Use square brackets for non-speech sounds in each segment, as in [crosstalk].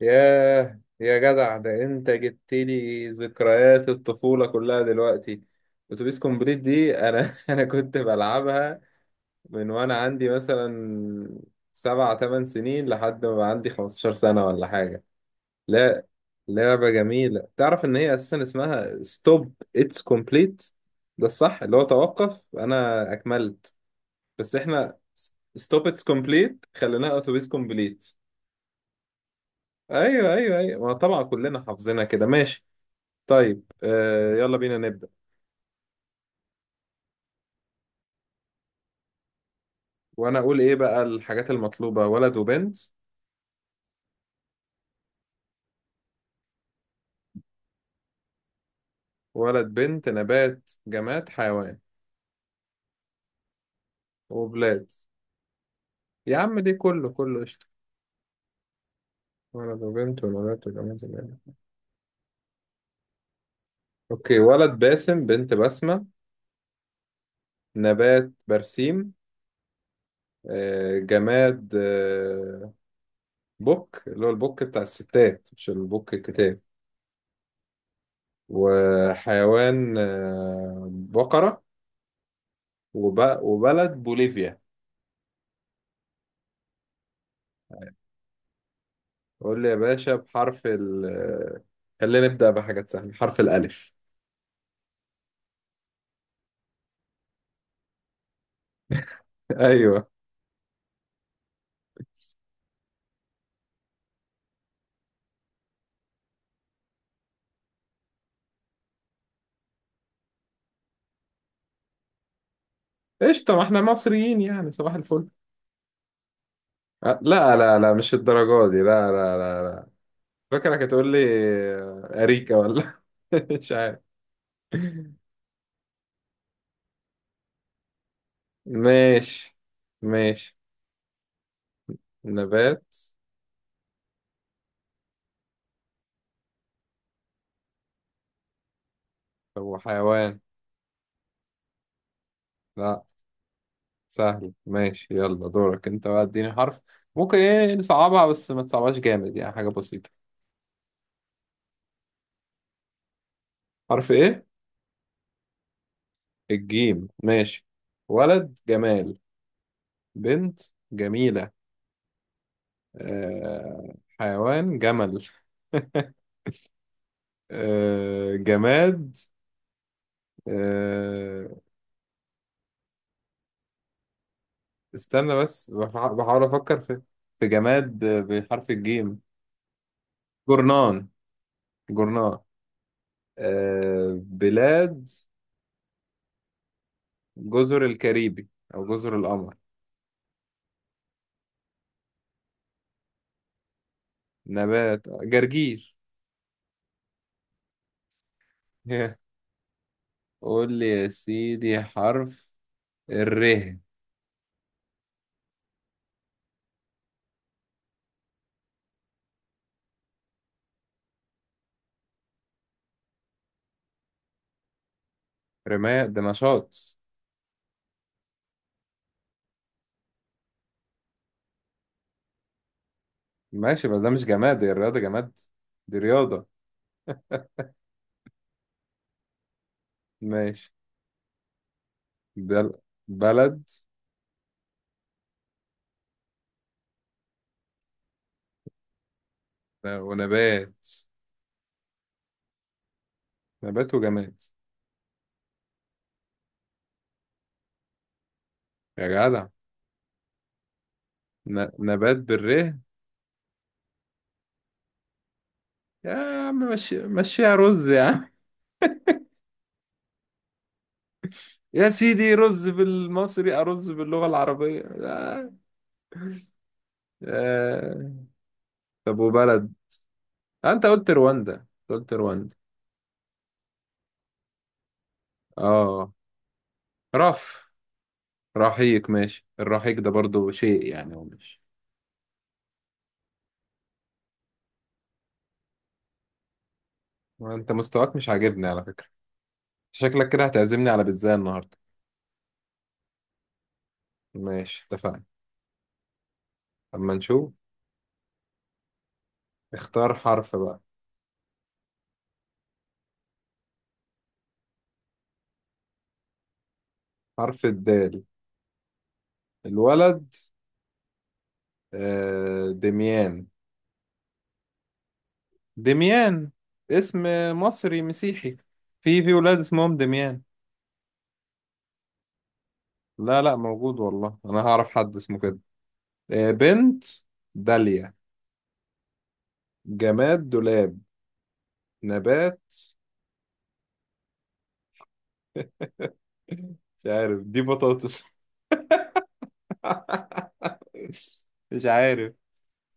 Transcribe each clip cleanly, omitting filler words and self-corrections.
ياه يا جدع، ده انت جبت لي ذكريات الطفولة كلها دلوقتي. اتوبيس كومبليت دي انا [laughs] انا كنت بلعبها من وانا عندي مثلا 7 8 سنين لحد ما بقى عندي 15 سنة ولا حاجة. لا. لعبة جميلة. تعرف ان هي اساسا اسمها ستوب اتس كومبليت، ده الصح، اللي هو توقف انا اكملت، بس احنا ستوب اتس كومبليت خليناها اتوبيس كومبليت. ايوه ايوه ايوه، ما طبعا كلنا حافظينها كده. ماشي. طيب، يلا بينا نبدأ. وانا اقول ايه بقى الحاجات المطلوبة؟ ولد وبنت. ولد بنت نبات جماد حيوان وبلاد. يا عم دي كله كله قشطة. ولد وبنت ونبات وجماد وبلاد. اوكي. ولد باسم، بنت بسمة، نبات برسيم. جماد بوك، اللي هو البوك بتاع الستات مش البوك الكتاب. وحيوان بقرة. وبلد بوليفيا. قول لي يا باشا بحرف ال خلينا نبدأ بحاجات سهلة بحرف الألف. [laughs] أيوه. قشطة، ما احنا مصريين يعني، صباح الفل. أه، لا لا لا مش الدرجة دي، لا لا لا لا. فاكرك هتقول لي أريكة ولا؟ [laughs] مش عارف. ماشي ماشي. نبات وحيوان. لا. سهل ماشي، يلا دورك انت بقى، اديني حرف. ممكن ايه نصعبها، بس ما تصعبهاش جامد يعني، حاجة بسيطة. حرف ايه؟ الجيم ماشي. ولد جمال، بنت جميلة، آه حيوان جمل. [laughs] جماد آه استنى بس، بحاول أفكر في جماد بحرف الجيم. جورنان. جورنان. بلاد جزر الكاريبي، أو جزر القمر. نبات جرجير. [laughs] قول لي يا سيدي حرف الر. رماد ده نشاط. ماشي بس ده مش جماد، دي الرياضة. جماد؟ دي رياضة. ماشي. ده ال- بلد ونبات. نبات وجماد. يا جدع. نبات بالره. يا عم مشيها رز يا عم. [laughs] يا سيدي، رز بالمصري، أرز باللغة العربية. آه. آه. طب وبلد. آه، أنت قلت رواندا، أنت قلت رواندا. آه رف. رحيق. ماشي، الرحيق ده برضو شيء يعني هو مش. وأنت مستواك مش عاجبني على فكرة، شكلك كده هتعزمني على بيتزا النهاردة. ماشي اتفقنا. اما نشوف. اختار حرف بقى. حرف الدال. الولد دميان. دميان اسم مصري مسيحي. في ولاد اسمهم دميان. لا لا، موجود والله، انا هعرف حد اسمه كده. بنت داليا. جماد دولاب. نبات مش عارف، دي بطاطس؟ [laughs] مش عارف.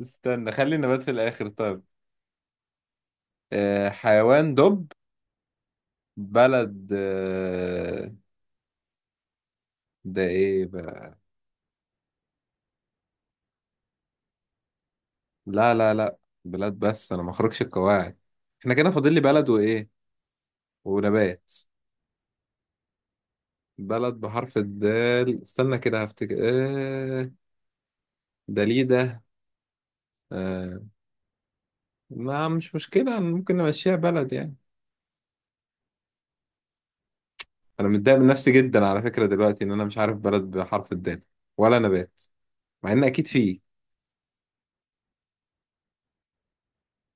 استنى خلي النبات في الاخر طيب. حيوان دب. بلد ده ايه بلد؟ لا لا لا، بلاد بس، انا ما اخرجش القواعد. احنا كده فاضل لي بلد وايه؟ ونبات. بلد بحرف الدال، استنى كده هفتكر. آه دليدة. آه ما مش مشكلة، ممكن نمشيها بلد يعني. انا متضايق من نفسي جدا على فكرة دلوقتي، ان انا مش عارف بلد بحرف الدال، ولا نبات، مع ان اكيد فيه.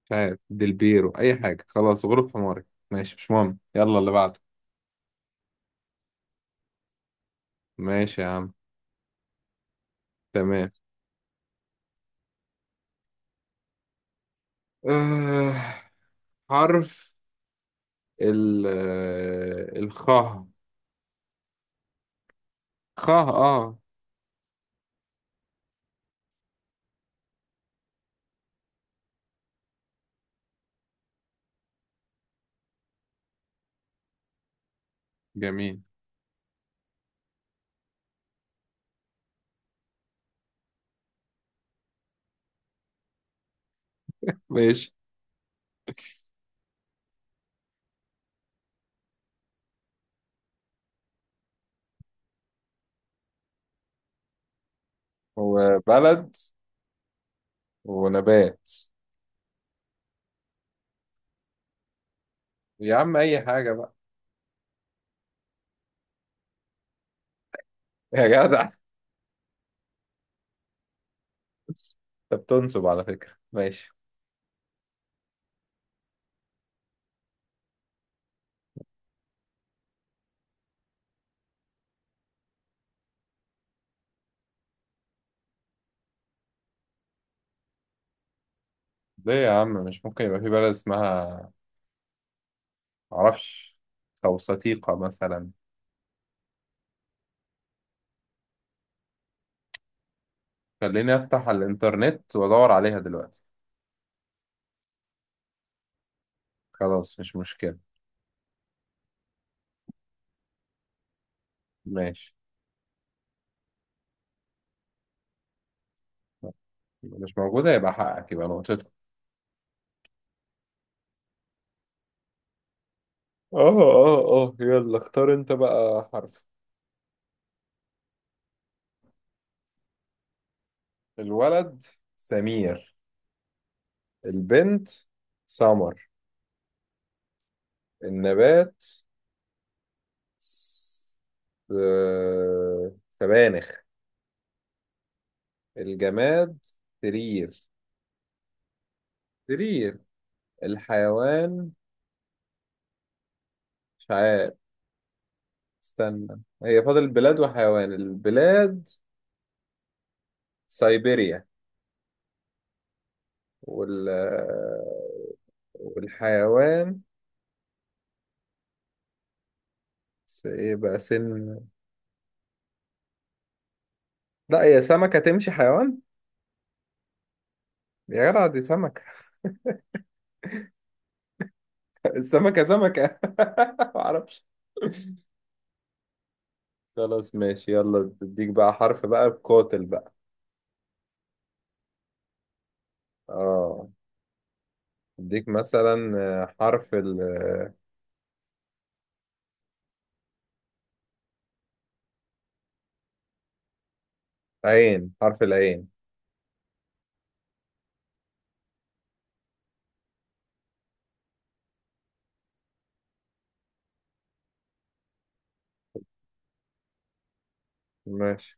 مش عارف، دلبيرو، اي حاجة، خلاص غروب حماري. ماشي مش مهم، يلا اللي بعده. ماشي يا عم. تمام. آه حرف ال الخاء. خاء. اه جميل. ماشي. وبلد ونبات. يا عم اي حاجة بقى. [laughs] يا جدع، انت بتنصب على فكرة. ماشي. ليه يا عم، مش ممكن يبقى في بلد اسمها، معرفش، توسطيقة مثلا. خليني افتح الانترنت وادور عليها دلوقتي. خلاص مش مشكلة. ماشي. مش موجودة يبقى حقك، يبقى نقطتك. اه اه اه، يلا اختار انت بقى حرف. الولد سمير، البنت سمر، النبات س- سبانخ. الجماد سرير. سرير. الحيوان مش عارف، استنى. هي فاضل بلاد وحيوان. البلاد سيبيريا. وال آه، والحيوان ايه بقى، سن. لا هي سمكة تمشي حيوان. يا جدع دي سمكة. [laughs] السمكة سمكة. [laughs] معرفش. خلاص ماشي، يلا اديك بقى حرف بقى، بقاتل بقى. اه اديك مثلا حرف العين. حرف العين، ماشي.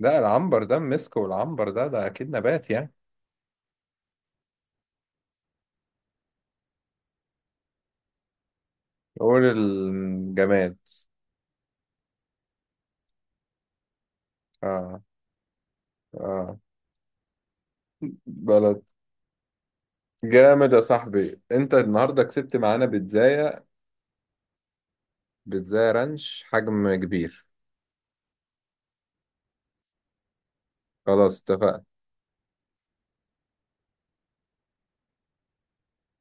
لا العنبر ده مسك، والعنبر ده اكيد نبات يعني. قول الجماد. اه اه، بلد. جامد يا صاحبي، انت النهارده كسبت معانا بيتزاية. بيتزاية رانش حجم كبير. خلاص اتفقنا.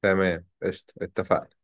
تمام قشطة اتفقنا.